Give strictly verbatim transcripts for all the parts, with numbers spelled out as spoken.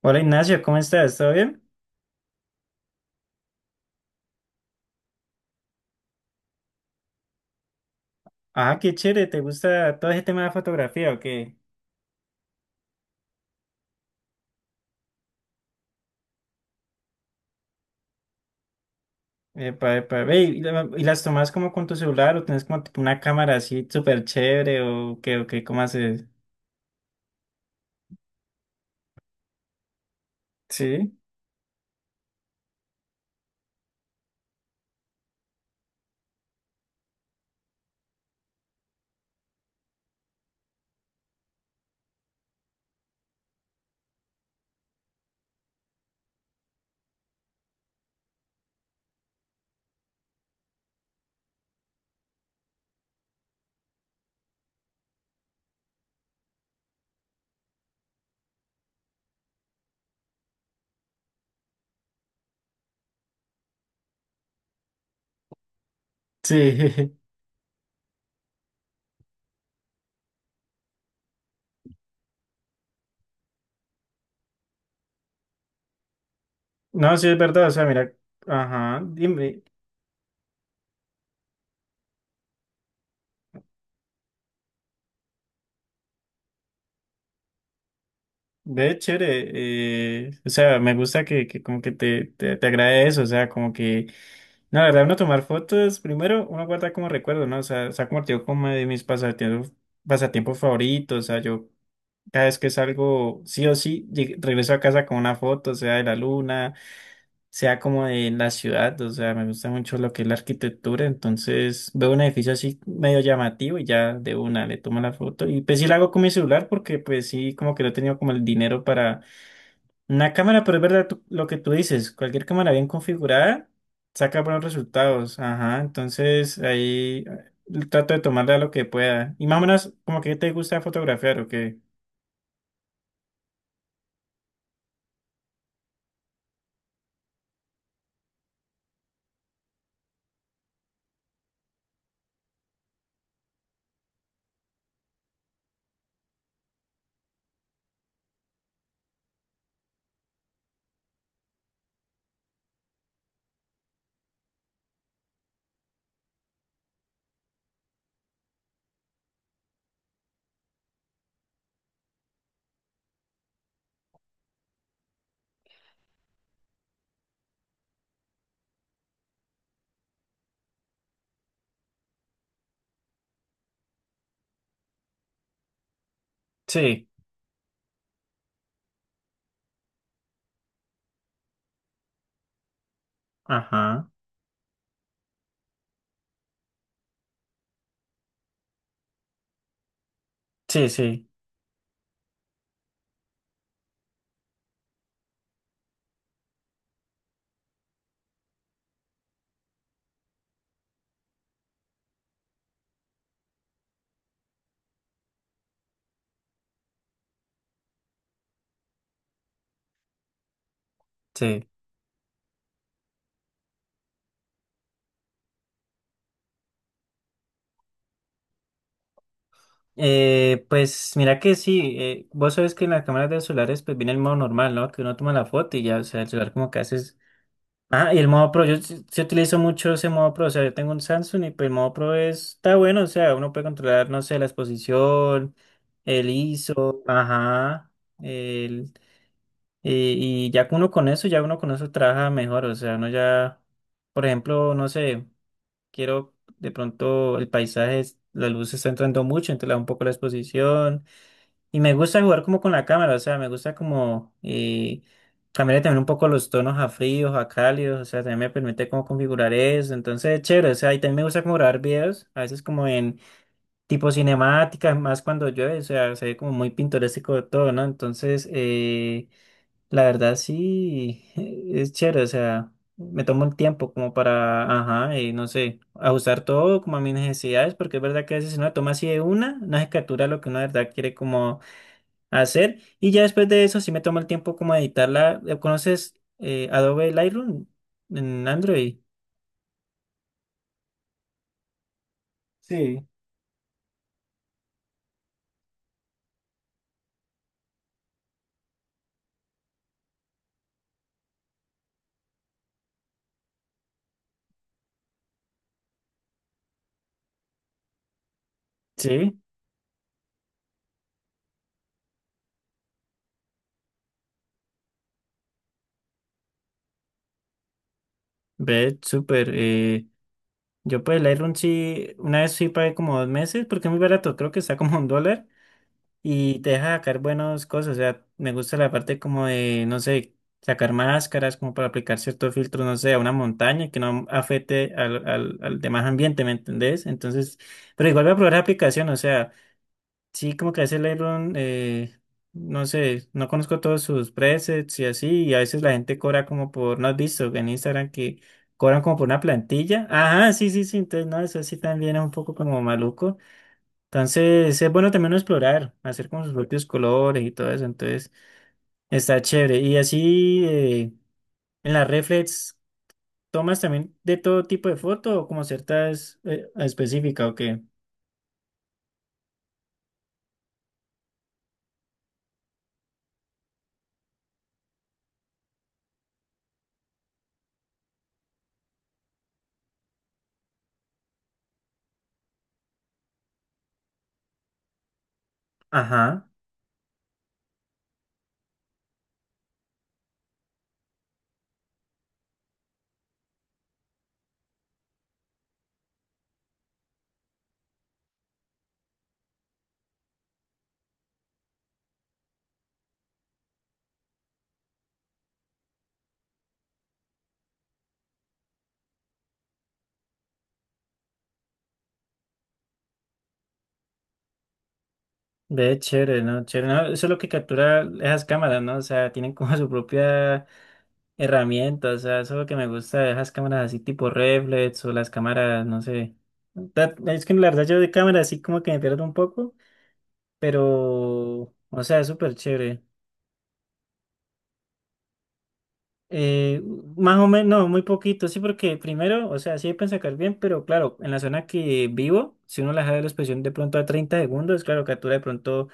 Hola Ignacio, ¿cómo estás? ¿Todo bien? Ah, qué chévere, ¿te gusta todo ese tema de fotografía o qué? Epa, epa, ve, ¿y, la- y las tomas como con tu celular o tienes como tipo una cámara así súper chévere o qué, o qué, cómo haces? Sí, sí, no, sí es verdad, o sea, mira, ajá, dime, ve, chévere, eh, o sea, me gusta que, que como que te, te, te agrade eso, o sea, como que no, la verdad, uno tomar fotos, primero uno guarda como recuerdo, ¿no? O sea, se ha convertido como de mis pasatiempos, pasatiempos favoritos. O sea, yo cada vez que salgo, sí o sí, lleg- regreso a casa con una foto, sea de la luna, sea como de la ciudad. O sea, me gusta mucho lo que es la arquitectura. Entonces veo un edificio así medio llamativo y ya de una le tomo la foto. Y pues sí la hago con mi celular porque pues sí, como que no he tenido como el dinero para una cámara, pero es verdad tú- lo que tú dices, cualquier cámara bien configurada saca buenos resultados, ajá, entonces ahí eh, trato de tomarla lo que pueda. Y más o menos, ¿como que te gusta fotografiar o qué? Sí, ajá, sí, sí, sí. Eh, pues mira que sí, eh, vos sabes que en las cámaras de los celulares pues viene el modo normal, ¿no? Que uno toma la foto y ya, o sea, el celular como que haces. Ah, y el modo Pro, yo sí sí utilizo mucho ese modo Pro, o sea, yo tengo un Samsung y pues el modo Pro es- está bueno, o sea, uno puede controlar, no sé, la exposición, el I S O, ajá, el, y, y ya que uno con eso, ya uno con eso trabaja mejor, o sea, uno ya, por ejemplo, no sé, quiero de pronto el paisaje, es- la luz está entrando mucho, entonces le da un poco la exposición, y me gusta jugar como con la cámara, o sea, me gusta como eh, cambiarle también un poco los tonos a fríos, a cálidos, o sea, también me permite como configurar eso, entonces chévere, o sea, y también me gusta como grabar videos, a veces como en tipo cinemáticas, más cuando llueve, o sea, se ve como muy pintoresco todo, ¿no? Entonces, eh, la verdad sí, es chévere, o sea, me tomo el tiempo como para, ajá, y no sé, ajustar todo como a mis necesidades, porque es verdad que a veces si uno toma así de una, no se captura lo que uno de verdad quiere como hacer. Y ya después de eso, si me tomo el tiempo como de editarla. Eh, ¿Conoces eh, Adobe Lightroom en Android? Sí. Sí, ve, súper. eh, yo pues Lightroom sí, una vez sí pagué como dos meses porque es muy barato, creo que está como un dólar y te deja sacar buenas cosas, o sea, me gusta la parte como de, no sé, sacar máscaras como para aplicar ciertos filtros, no sé, a una montaña que no afecte al, al, al demás ambiente, ¿me entendés? Entonces, pero igual voy a probar la aplicación, o sea... Sí, como que a veces Lightroom, eh, no sé, no conozco todos sus presets y así, y a veces la gente cobra como por, ¿no has visto en Instagram que cobran como por una plantilla? Ajá, sí, sí, sí, entonces no, eso sí también es un poco como maluco. Entonces es bueno también uno explorar, hacer como sus propios colores y todo eso, entonces está chévere. Y así eh, en las reflex, ¿tomas también de todo tipo de foto o como ciertas eh, específicas o qué? Ajá. Ve, chévere, ¿no? Chévere, ¿no? Eso es lo que captura esas cámaras, ¿no? O sea, tienen como su propia herramienta, o sea, eso es lo que me gusta de esas cámaras así tipo reflex o las cámaras, no sé. Ta- Es que la verdad yo de cámara así como que me pierdo un poco, pero, o sea, es súper chévere. Eh, más o menos, no, muy poquito, sí, porque primero, o sea, sí pueden sacar bien, pero claro, en la zona que vivo, si uno la deja de la expresión de pronto a treinta segundos, claro, captura de pronto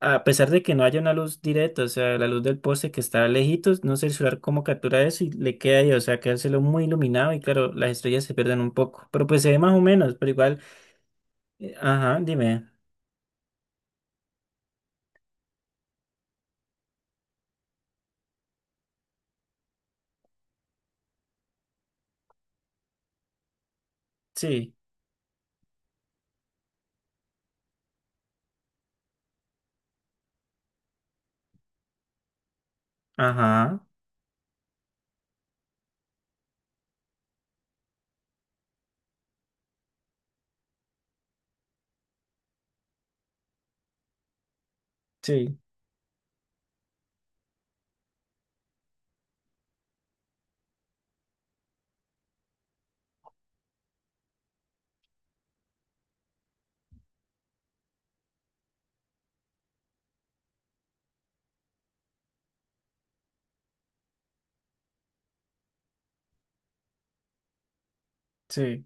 a pesar de que no haya una luz directa, o sea, la luz del poste que está lejitos, no sé el celular cómo captura eso y le queda ahí, o sea, quedárselo muy iluminado y claro, las estrellas se pierden un poco, pero pues se ve más o menos, pero igual, eh, ajá, dime, sí, ajá, sí, sí.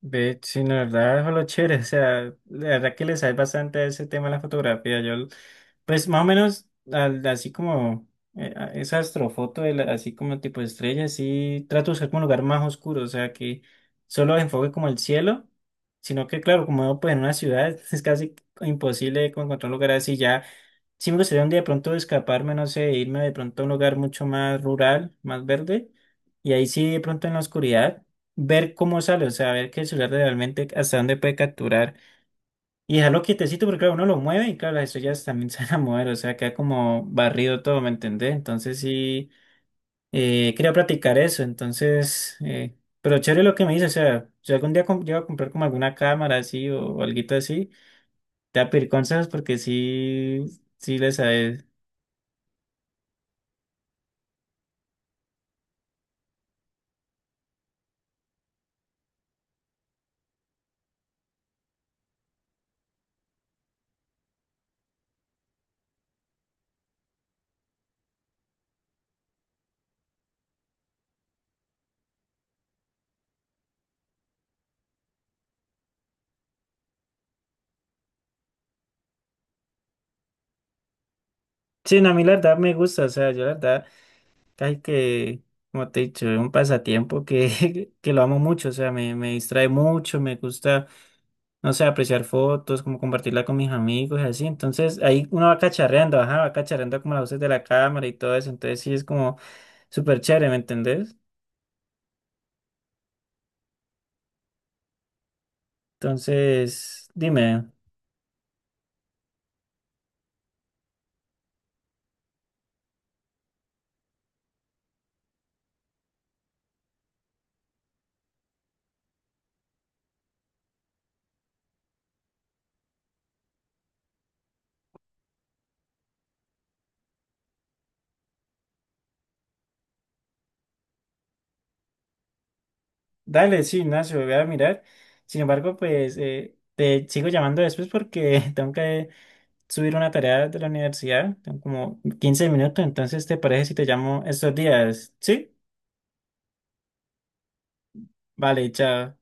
De sí, la verdad es lo chévere, o sea, la verdad que les sabe bastante a ese tema de la fotografía. Yo, pues más o menos, al- así como eh, a- esa astrofoto, de la- así como tipo estrella, sí trato de usar como un lugar más oscuro, o sea, que solo enfoque como el cielo, sino que claro, como vivo, pues en una ciudad es casi imposible como encontrar un lugar así ya. Sí me gustaría un día de pronto escaparme, no sé, irme de pronto a un lugar mucho más rural, más verde, y ahí sí de pronto en la oscuridad ver cómo sale, o sea, ver que el celular realmente hasta dónde puede capturar y dejarlo quietecito porque claro, uno lo mueve y claro, las estrellas también se van a mover, o sea, queda como barrido todo, ¿me entendés? Entonces sí, eh, quería practicar eso, entonces, eh, pero chévere lo que me dice, o sea, si algún día com- llego a comprar como alguna cámara así o alguito así, te voy a pedir consejos porque sí, sí les sabes. Sí, no, a mí la verdad me gusta, o sea, yo la verdad. Casi que, como te he dicho, es un pasatiempo que, que lo amo mucho, o sea, me, me distrae mucho, me gusta, no sé, apreciar fotos, como compartirla con mis amigos y así. Entonces, ahí uno va cacharreando, ajá, va cacharreando como las luces de la cámara y todo eso. Entonces, sí, es como súper chévere, ¿me entendés? Entonces, dime, dale, sí, Ignacio, voy a mirar. Sin embargo, pues, eh, te sigo llamando después porque tengo que subir una tarea de la universidad. Tengo como quince minutos, entonces ¿te parece si te llamo estos días? Sí, vale, chao.